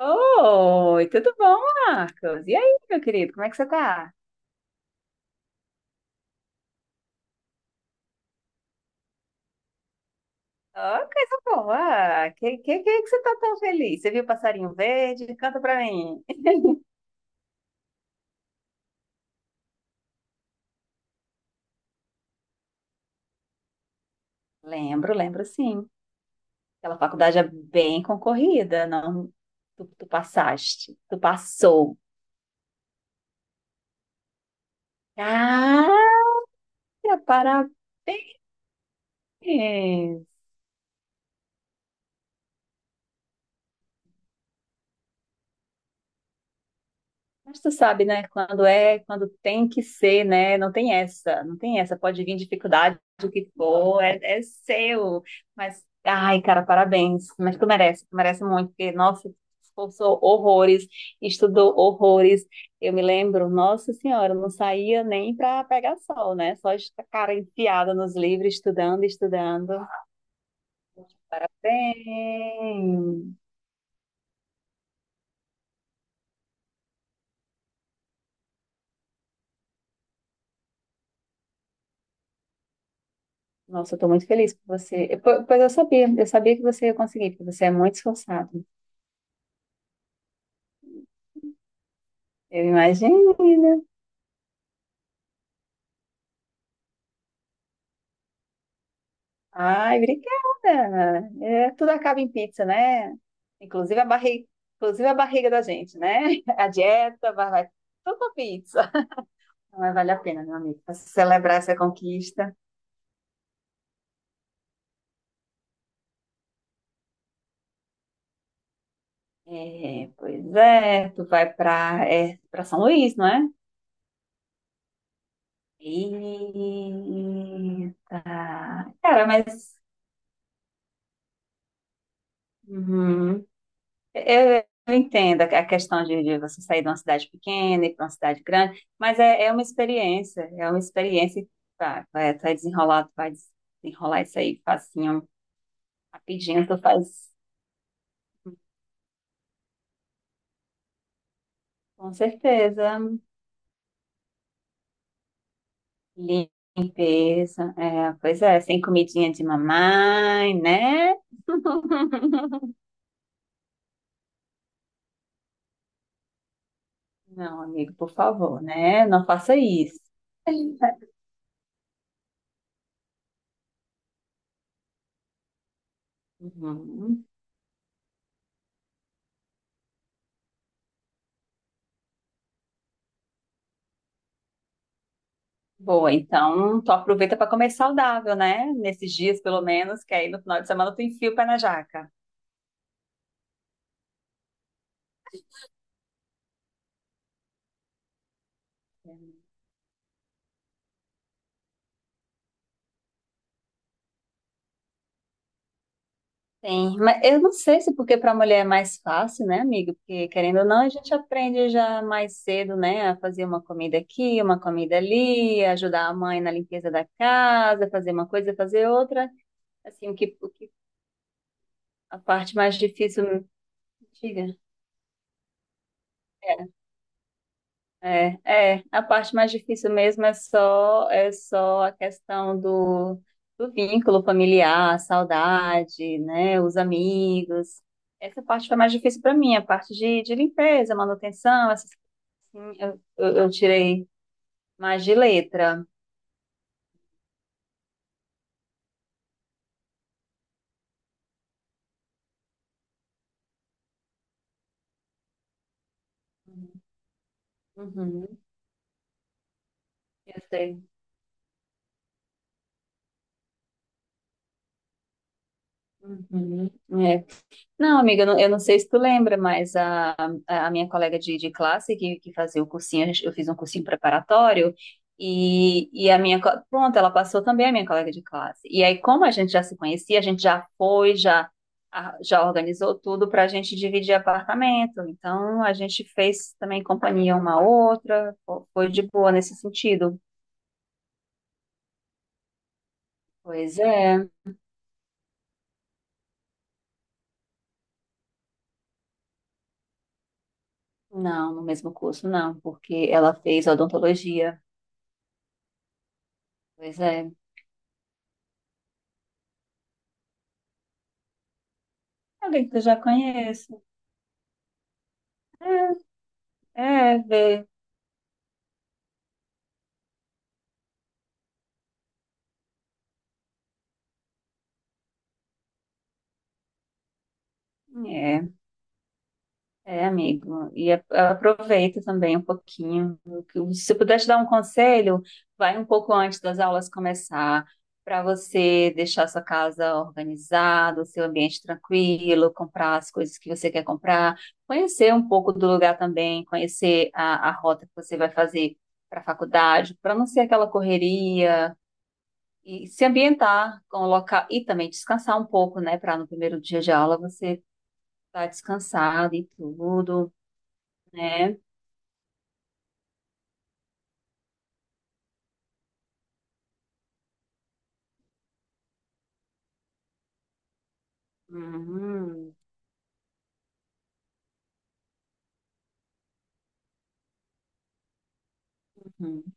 Oi, tudo bom, Marcos? E aí, meu querido, como é que você tá? Ó, coisa boa! Que você tá tão feliz? Você viu o passarinho verde? Canta pra mim. Lembro sim. Aquela faculdade é bem concorrida, não? Tu passou. Ah, parabéns! Mas tu sabe, né? Quando tem que ser, né? Não tem essa. Pode vir dificuldade, o que for, é seu. Mas, ai, cara, parabéns. Mas tu merece muito, porque, nossa, esforçou horrores, estudou horrores. Eu me lembro, nossa senhora, eu não saía nem para pegar sol, né? Só esta cara enfiada nos livros, estudando, estudando. Parabéns! Nossa, eu tô muito feliz por você. Pois eu sabia que você ia conseguir, porque você é muito esforçado. Eu imagino. Ai, obrigada. É, tudo acaba em pizza, né? Inclusive a barriga, inclusive a barriga da gente, né? A dieta, vai tudo pra pizza. Mas vale a pena, meu amigo, pra celebrar essa conquista. É, pois é, tu vai pra São Luís, não é? Eita. Cara, mas. Uhum. Eu entendo a questão de você sair de uma cidade pequena e ir para uma cidade grande, mas é uma experiência que vai desenrolar isso aí facinho, rapidinho, tu faz com certeza. Limpeza, é, pois é, sem comidinha de mamãe, né? Não, amigo, por favor, né? Não faça isso. Uhum. Boa, então tu aproveita para comer saudável, né? Nesses dias, pelo menos, que aí no final de semana tu enfia o pé na jaca. Sim, mas eu não sei se porque para mulher é mais fácil, né, amiga? Porque querendo ou não, a gente aprende já mais cedo, né, a fazer uma comida aqui, uma comida ali, ajudar a mãe na limpeza da casa, fazer uma coisa, fazer outra. Assim, o que a parte mais difícil, diga. É, a parte mais difícil mesmo é só a questão do vínculo familiar, a saudade, né, os amigos. Essa parte foi mais difícil para mim, a parte de limpeza, manutenção, essas, assim, eu tirei mais de letra. Uhum, eu sei. Uhum. é. Não, amiga, eu não sei se tu lembra, mas a minha colega de classe que fazia o cursinho, eu fiz um cursinho preparatório e a minha, pronto, ela passou também a minha colega de classe. E aí, como a gente já se conhecia, a gente já foi, já, a- já organizou tudo para a gente dividir apartamento. Então, a gente fez também companhia uma à outra, foi de boa nesse sentido. Pois é, não, no mesmo curso não, porque ela fez odontologia. Pois é, alguém que eu já conheço. É, vê. É, amigo. Aproveita também um pouquinho. Se eu puder te dar um conselho, vai um pouco antes das aulas começar, para você deixar sua casa organizada, o seu ambiente tranquilo, comprar as coisas que você quer comprar, conhecer um pouco do lugar também, conhecer a rota que você vai fazer para a faculdade, para não ser aquela correria. E se ambientar com o local e também descansar um pouco, né? Para no primeiro dia de aula você tá descansada e tudo, né? Uhum, uhum.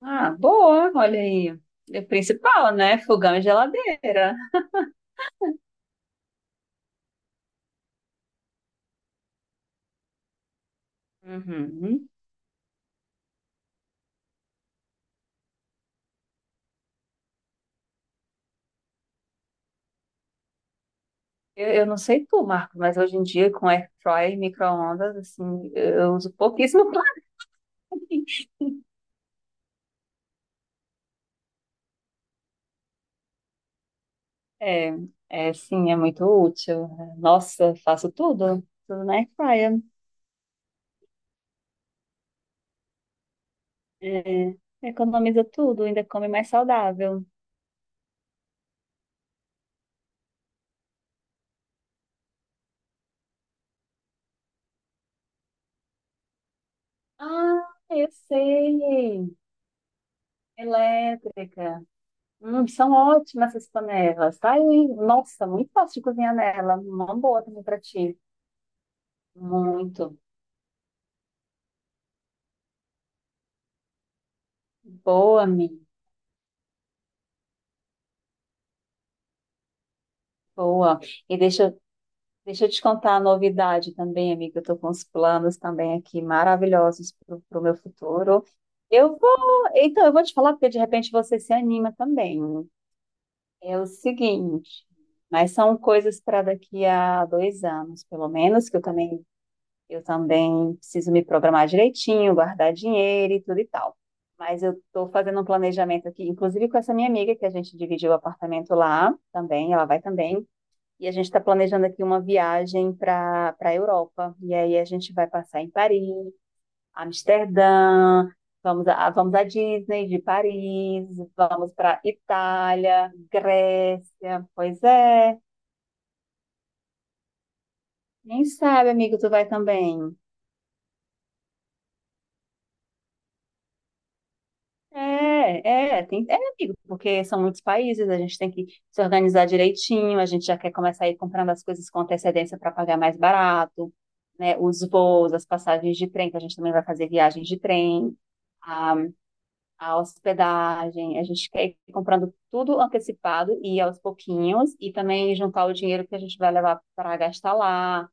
Ah, boa, olha aí. É o principal, né? Fogão e geladeira. Uhum. Eu não sei tu, Marco, mas hoje em dia com air fryer e micro-ondas, assim, eu uso pouquíssimo planejamento. É, sim, é muito útil. Nossa, faço tudo, tudo na air fryer. É, economiza tudo, ainda come mais saudável. Ah, eu sei. Elétrica. São ótimas essas panelas, tá? E, nossa, muito fácil de cozinhar nela. Uma boa também para ti. Muito. Boa, amiga. Boa. E deixa eu te contar a novidade também, amiga. Eu tô com uns planos também aqui maravilhosos para o meu futuro. Eu vou. Então, eu vou te falar, porque de repente você se anima também. É o seguinte. Mas são coisas para daqui a 2 anos, pelo menos, que eu também eu também preciso me programar direitinho, guardar dinheiro e tudo e tal. Mas eu estou fazendo um planejamento aqui, inclusive com essa minha amiga, que a gente dividiu o apartamento lá também, ela vai também. E a gente está planejando aqui uma viagem para a Europa. E aí a gente vai passar em Paris, Amsterdã, vamos à Disney de Paris, vamos para Itália, Grécia. Pois é, quem sabe, amigo, tu vai também. Amigo, porque são muitos países, a gente tem que se organizar direitinho, a gente já quer começar a ir comprando as coisas com antecedência para pagar mais barato, né? Os voos, as passagens de trem, que a gente também vai fazer viagens de trem, a, a hospedagem, a gente quer ir comprando tudo antecipado e aos pouquinhos, e também juntar o dinheiro que a gente vai levar para gastar lá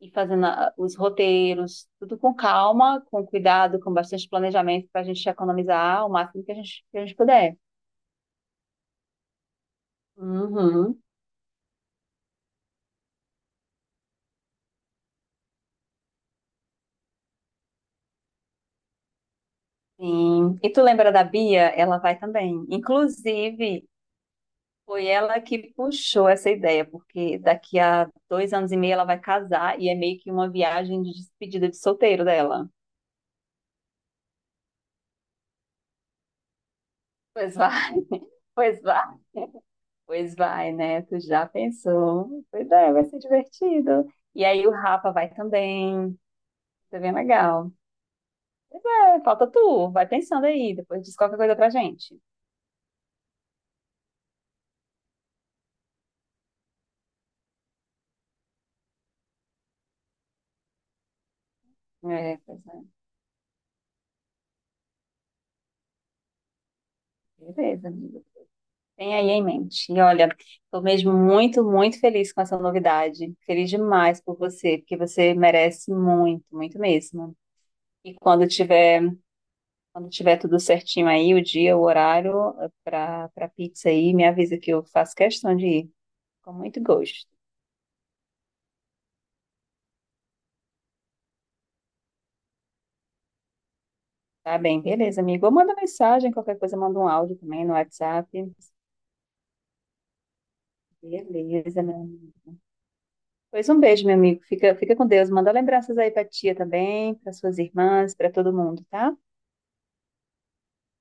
e fazendo os roteiros, tudo com calma, com cuidado, com bastante planejamento para a gente economizar o máximo que que a gente puder. Uhum, sim. E tu lembra da Bia? Ela vai também. Inclusive, foi ela que puxou essa ideia, porque daqui a 2 anos e meio ela vai casar e é meio que uma viagem de despedida de solteiro dela. Pois vai, pois vai, pois vai, né? Tu já pensou? Pois é, vai ser divertido. E aí o Rafa vai também. Isso é bem legal. É, falta tu, vai pensando aí, depois diz qualquer coisa pra gente. É, pois é. Beleza, amigo. Tem aí em mente. E olha, tô mesmo muito, muito feliz com essa novidade. Feliz demais por você, porque você merece muito, muito mesmo. E quando tiver tudo certinho aí, o dia, o horário para pizza aí, me avisa que eu faço questão de ir. Com muito gosto. Tá bem, beleza, amigo. Ou manda mensagem, qualquer coisa, manda um áudio também no WhatsApp. Beleza, meu amigo. Pois um beijo, meu amigo. Fica com Deus. Manda lembranças aí pra tia também, para suas irmãs, para todo mundo, tá?